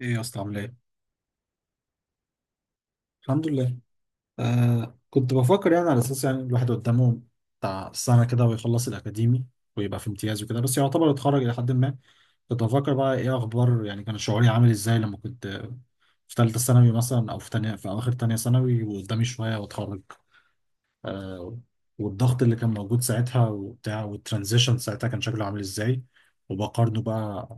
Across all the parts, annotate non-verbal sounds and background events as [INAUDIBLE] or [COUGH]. ايه يا اسطى، عامل ايه؟ الحمد لله. كنت بفكر يعني، على اساس يعني الواحد قدامه بتاع سنه كده ويخلص الاكاديمي ويبقى في امتياز وكده، بس يعتبر اتخرج الى حد ما. كنت بفكر بقى، ايه اخبار يعني، كان شعوري عامل ازاي لما كنت في ثالثه ثانوي مثلا، او في تانية، في اواخر تانية ثانوي وقدامي شويه واتخرج. آه والضغط اللي كان موجود ساعتها وبتاع، والترانزيشن ساعتها كان شكله عامل ازاي، وبقارنه بقى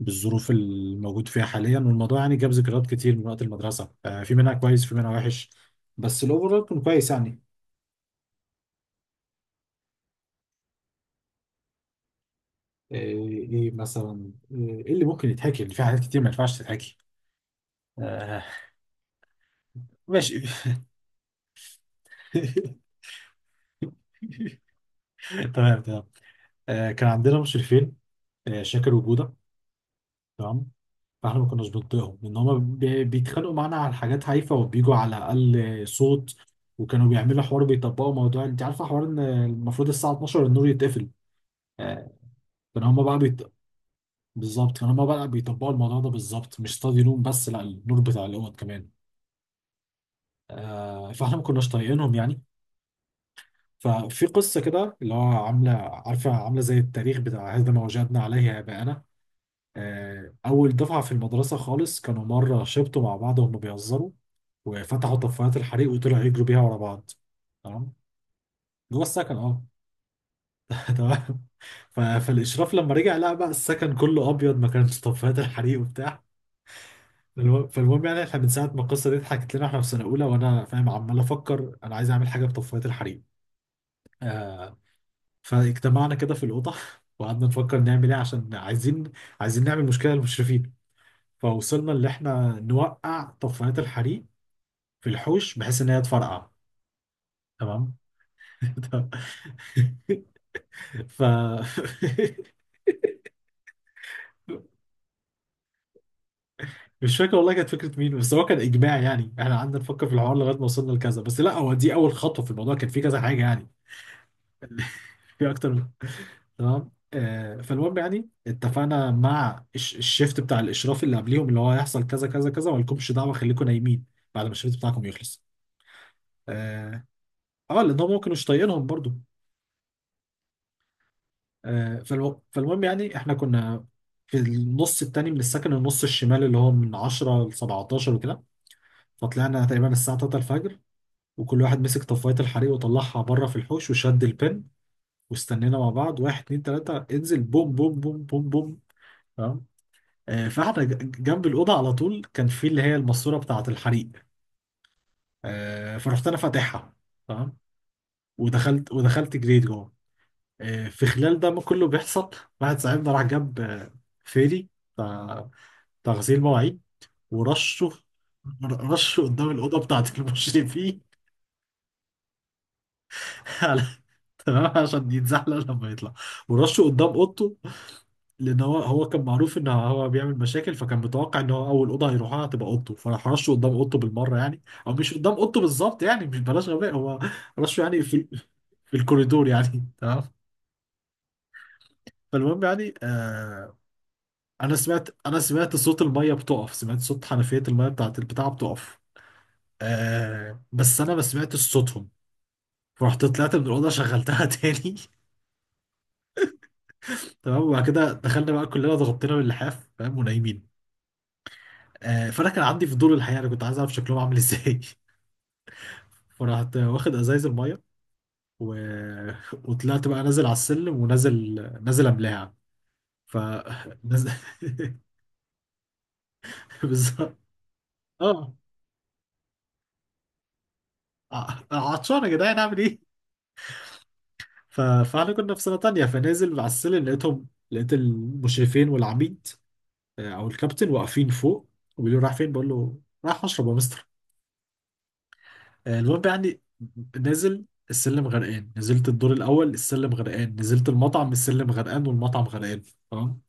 بالظروف الموجود فيها حاليا. والموضوع يعني جاب ذكريات كتير من وقت المدرسة. في منها كويس في منها وحش، بس الأوفرول كان كويس يعني. إيه مثلا، إيه اللي ممكن يتحكي؟ اللي في حاجات كتير ما ينفعش تتحكي. آه، ماشي. [LAUGHS] تمام، تمام. كان عندنا مشرفين، شاكر وجودة. تمام. فاحنا ما كناش بنطيقهم لان هما بيتخانقوا معانا على حاجات هايفه وبيجوا على اقل صوت. وكانوا بيعملوا حوار، بيطبقوا موضوع، انت عارفه، حوار ان المفروض الساعه 12 النور يتقفل. آه، كان هما بقى بالظبط. فلما بقى بيطبقوا الموضوع ده بالظبط، مش ستادي نور بس، لا، النور بتاع الاوض كمان. فاحنا ما كناش طايقينهم يعني. ففي قصه كده اللي هو عامله، عارفه، عامله زي التاريخ بتاع هذا ما وجدنا عليه اباءنا. اول دفعه في المدرسه خالص كانوا مره شبطوا مع بعض وهم بيهزروا، وفتحوا طفايات الحريق وطلعوا يجروا بيها ورا بعض. تمام. جوه السكن، اه. [LAUGHS] تمام. فالاشراف لما رجع لقى بقى السكن كله ابيض، ما كانش طفايات الحريق وبتاع. فالمهم يعني احنا من ساعه ما القصه دي اتحكت لنا، احنا في سنه اولى، وانا فاهم عمال افكر، انا عايز اعمل حاجه بطفايه الحريم. فاجتمعنا كده في الاوضه [LAUGHS] وقعدنا نفكر نعمل ايه، عشان عايزين نعمل مشكله للمشرفين. فوصلنا ان احنا نوقع طفايات الحريم في الحوش بحيث ان هي تفرقع. تمام. [LAUGHS] ف [LAUGHS] مش فاكر والله كانت فكره مين، بس هو كان اجماع يعني. احنا قعدنا نفكر في الحوار لغايه ما وصلنا لكذا. بس لا، هو دي اول خطوه في الموضوع، كان في كذا حاجه يعني. [LAUGHS] في اكتر. تمام. فالمهم يعني اتفقنا مع الشيفت بتاع الاشراف اللي قبليهم، اللي هو هيحصل كذا كذا كذا، ولكمش دعوه، خليكم نايمين بعد ما الشيفت بتاعكم يخلص. اه. لان هم ممكن مش طايقينهم برضو. فالمهم يعني احنا كنا في النص التاني من السكن، النص الشمال، اللي هو من 10 ل 17 وكده. فطلعنا تقريبا الساعه 3 الفجر، وكل واحد مسك طفايه الحريق وطلعها بره في الحوش وشد البن. واستنينا مع بعض، واحد اتنين تلاته انزل، بوم بوم بوم بوم بوم. فاحنا جنب الاوضه على طول كان في اللي هي الماسوره بتاعه الحريق. فرحت انا فاتحها. تمام. ودخلت جريت جوه. في خلال ده ما كله بيحصل، واحد صاحبنا راح جاب، فيري بتاع غسيل مواعيد. ورشه، رشه قدام الاوضه بتاعه المشرفين [LAUGHS] على- تمام، عشان يتزحلق لما يطلع. ورشه قدام اوضته، لان هو كان معروف ان هو بيعمل مشاكل، فكان متوقع ان هو اول اوضه هيروحها هتبقى اوضته، فراح رشه قدام اوضته بالمره يعني. او مش قدام اوضته بالظبط يعني، مش بلاش غباء هو، رشه يعني في الكوريدور يعني. [LAUGHS] تمام. فالمهم يعني، انا سمعت صوت الميه بتقف، سمعت صوت حنفيه الميه بتاعت البتاع بتقف. بس انا ما سمعتش صوتهم. فرحت طلعت من الاوضه شغلتها [LAUGHS] تاني. تمام. وبعد كده دخلنا بقى كلنا، ضغطنا باللحاف، فاهم، ونايمين. فانا كان عندي فضول الحقيقه، انا كنت عايز اعرف شكلهم عامل ازاي. [LAUGHS] فرحت واخد ازايز الميه، و... [LAUGHS] وطلعت بقى نازل على السلم، ونازل، نازل، املاها. ف نازل. [LAUGHS] بالظبط. اه. عطشان يا جدعان، اعمل ايه؟ فاحنا كنا في سنه تانية. فنازل على السلم، لقيت المشرفين والعميد، او الكابتن، واقفين فوق، وبيقولوا رايح فين؟ بقول له رايح اشرب يا مستر. المهم يعني، نازل السلم غرقان، نزلت الدور الاول السلم غرقان، نزلت المطعم السلم غرقان والمطعم غرقان. تمام.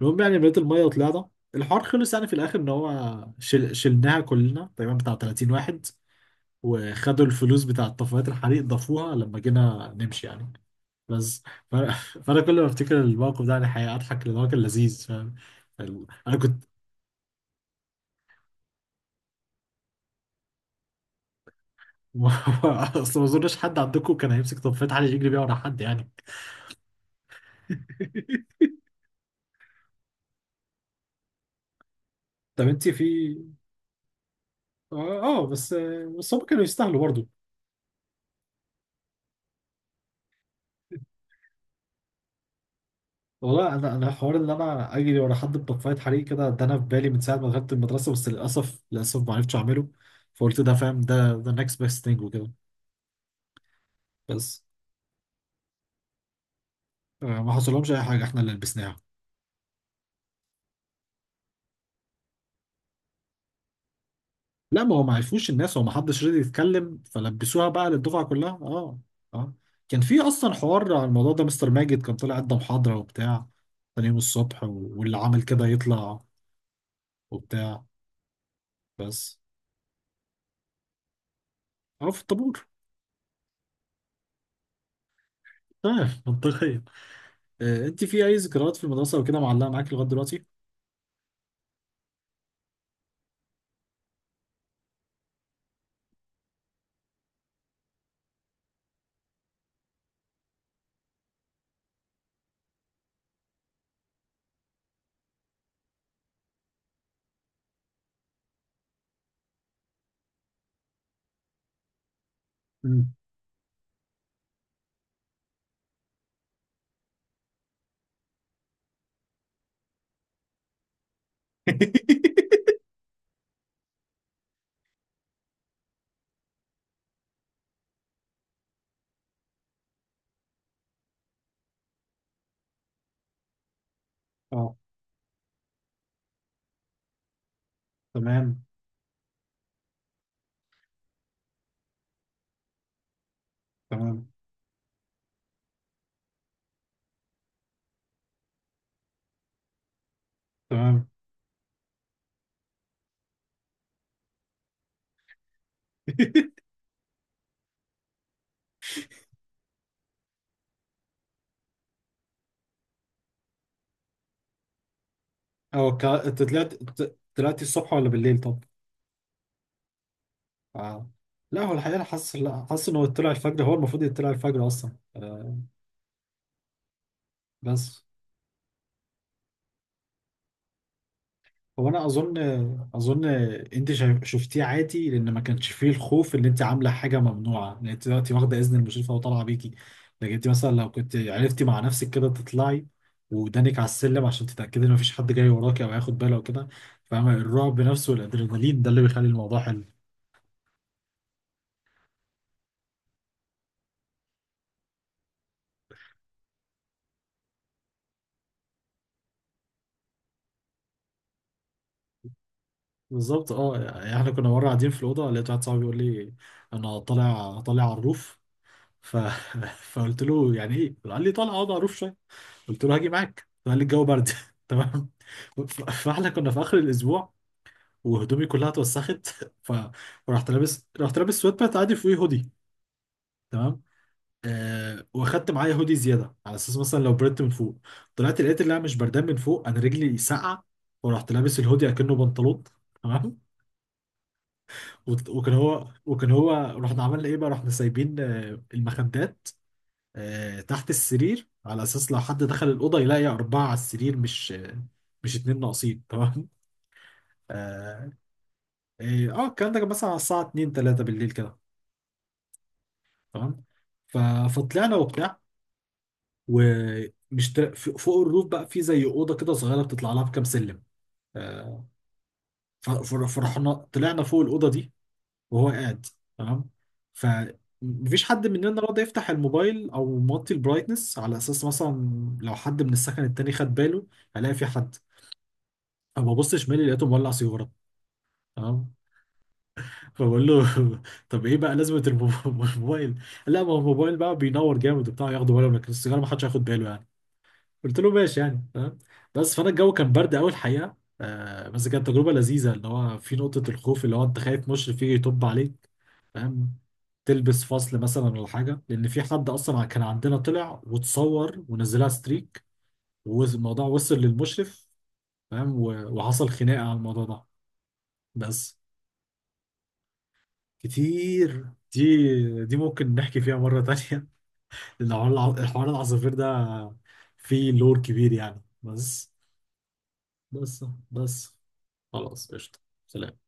المهم يعني بقيت المية وطلعنا. الحوار خلص يعني في الآخر، إن هو شلناها كلنا تقريبا، بتاع 30 واحد. وخدوا الفلوس بتاع طفايات الحريق ضافوها لما جينا نمشي يعني. بس. ف... [LAUGHS] فأنا كل ما أفتكر الموقف ده يعني حقيقة أضحك، لأن هو كان لذيذ فاهم. أنا كنت. [LAUGHS] أصل ما أظنش حد عندكم كان هيمسك طفاية حريق يجري بيها ورا حد يعني. [LAUGHS] طب أنت في، بس، هم كانوا يستاهلوا برضه. والله انا، حوار ان انا اجري ورا حد بطفايه حريق كده، ده انا في بالي من ساعه ما دخلت المدرسه، بس للاسف، ما عرفتش اعمله. فقلت ده فاهم، ده next best thing وكده. بس. ما حصلهمش اي حاجه، احنا اللي لبسناها. لا ما هو ما عرفوش الناس، هو ما حدش راضي يتكلم، فلبسوها بقى للدفعه كلها. اه، اه. كان في اصلا حوار على الموضوع ده، مستر ماجد كان طلع ادى محاضره وبتاع تاني يوم الصبح، واللي عمل كده يطلع وبتاع. بس. اه، في الطابور. تمام، منطقيا. انت في اي ذكريات في المدرسه وكده معلقه معاك لغايه دلوقتي؟ مم. [LAUGHS] اه. تمام، تمام، تمام. [LAUGHS] او انت طلعت، طلعتي الصبح ولا بالليل طب؟ آه. لا هو الحقيقه، انا حاسس، لا، حاسس انه طلع الفجر. هو المفروض يطلع الفجر اصلا. آه. بس هو انا اظن، اظن انت شفتيه عادي، لان ما كانش فيه الخوف ان انت عامله حاجه ممنوعه، لان انت دلوقتي واخده اذن المشرفه وطالعه بيكي. لكن انت مثلا لو كنت عرفتي مع نفسك كده تطلعي، ودانك على السلم عشان تتاكدي ان مفيش حد جاي وراكي او هياخد باله وكده، فاهمه؟ الرعب نفسه والادرينالين ده اللي بيخلي الموضوع حلو. بالظبط. اه يعني احنا كنا مره قاعدين في الاوضه، لقيت واحد صاحبي بيقول لي انا طالع، طالع على الروف. ف... [LAUGHS] فقلت له يعني ايه؟ قال لي طالع اقعد على الروف. قلت له هاجي معاك، قال لي الجو برد. [LAUGHS] تمام. فاحنا كنا في اخر الاسبوع وهدومي كلها اتوسخت. [LAUGHS] ف- فرحت لابس رحت لابس سويت بانت عادي فوقيه هودي. تمام. واخدت معايا هودي زياده على اساس مثلا لو بردت من فوق. طلعت لقيت اللي انا مش بردان من فوق، انا رجلي ساقعه. ورحت لابس الهودي اكنه بنطلون. تمام. وكان هو رحنا عملنا ايه بقى؟ رحنا سايبين المخدات تحت السرير على اساس لو حد دخل الاوضه يلاقي اربعه على السرير مش، مش اتنين ناقصين. [LAUGHS] تمام. اه. الكلام ده كان مثلا على الساعه 2 3 بالليل كده. تمام. ف- فطلعنا وبتاع، ومش فوق الروف بقى في زي اوضه كده صغيره بتطلع لها بكام سلم. آه، فرحنا طلعنا فوق الاوضه دي، وهو قاعد. تمام. ف مفيش حد مننا راضي يفتح الموبايل او موطي البرايتنس على اساس مثلا لو حد من السكن التاني خد باله، هلاقي في حد. اما بص شمالي لقيته مولع سيجاره. تمام. فبقول له، [LAUGHS] طب ايه بقى لازمه الموبايل؟ لا ما هو الموبايل بقى بينور جامد وبتاع، ياخدوا بالهم، لكن السيجاره ما حدش هياخد باله يعني. قلت له ماشي يعني. تمام. بس. فانا الجو كان برد قوي الحقيقه. بس كانت تجربه لذيذه، اللي هو في نقطه الخوف اللي هو انت خايف مشرف يجي يطب عليك، فاهم، تلبس فصل مثلا ولا حاجه، لان في حد اصلا كان عندنا طلع وتصور ونزلها ستريك والموضوع وصل للمشرف، فاهم، وحصل خناقه على الموضوع ده. بس. كتير، دي ممكن نحكي فيها مرة تانية. [LAUGHS] لأن حوار حوار العصافير ده فيه لور كبير يعني. بس، بس بس خلاص قشطة. سلام.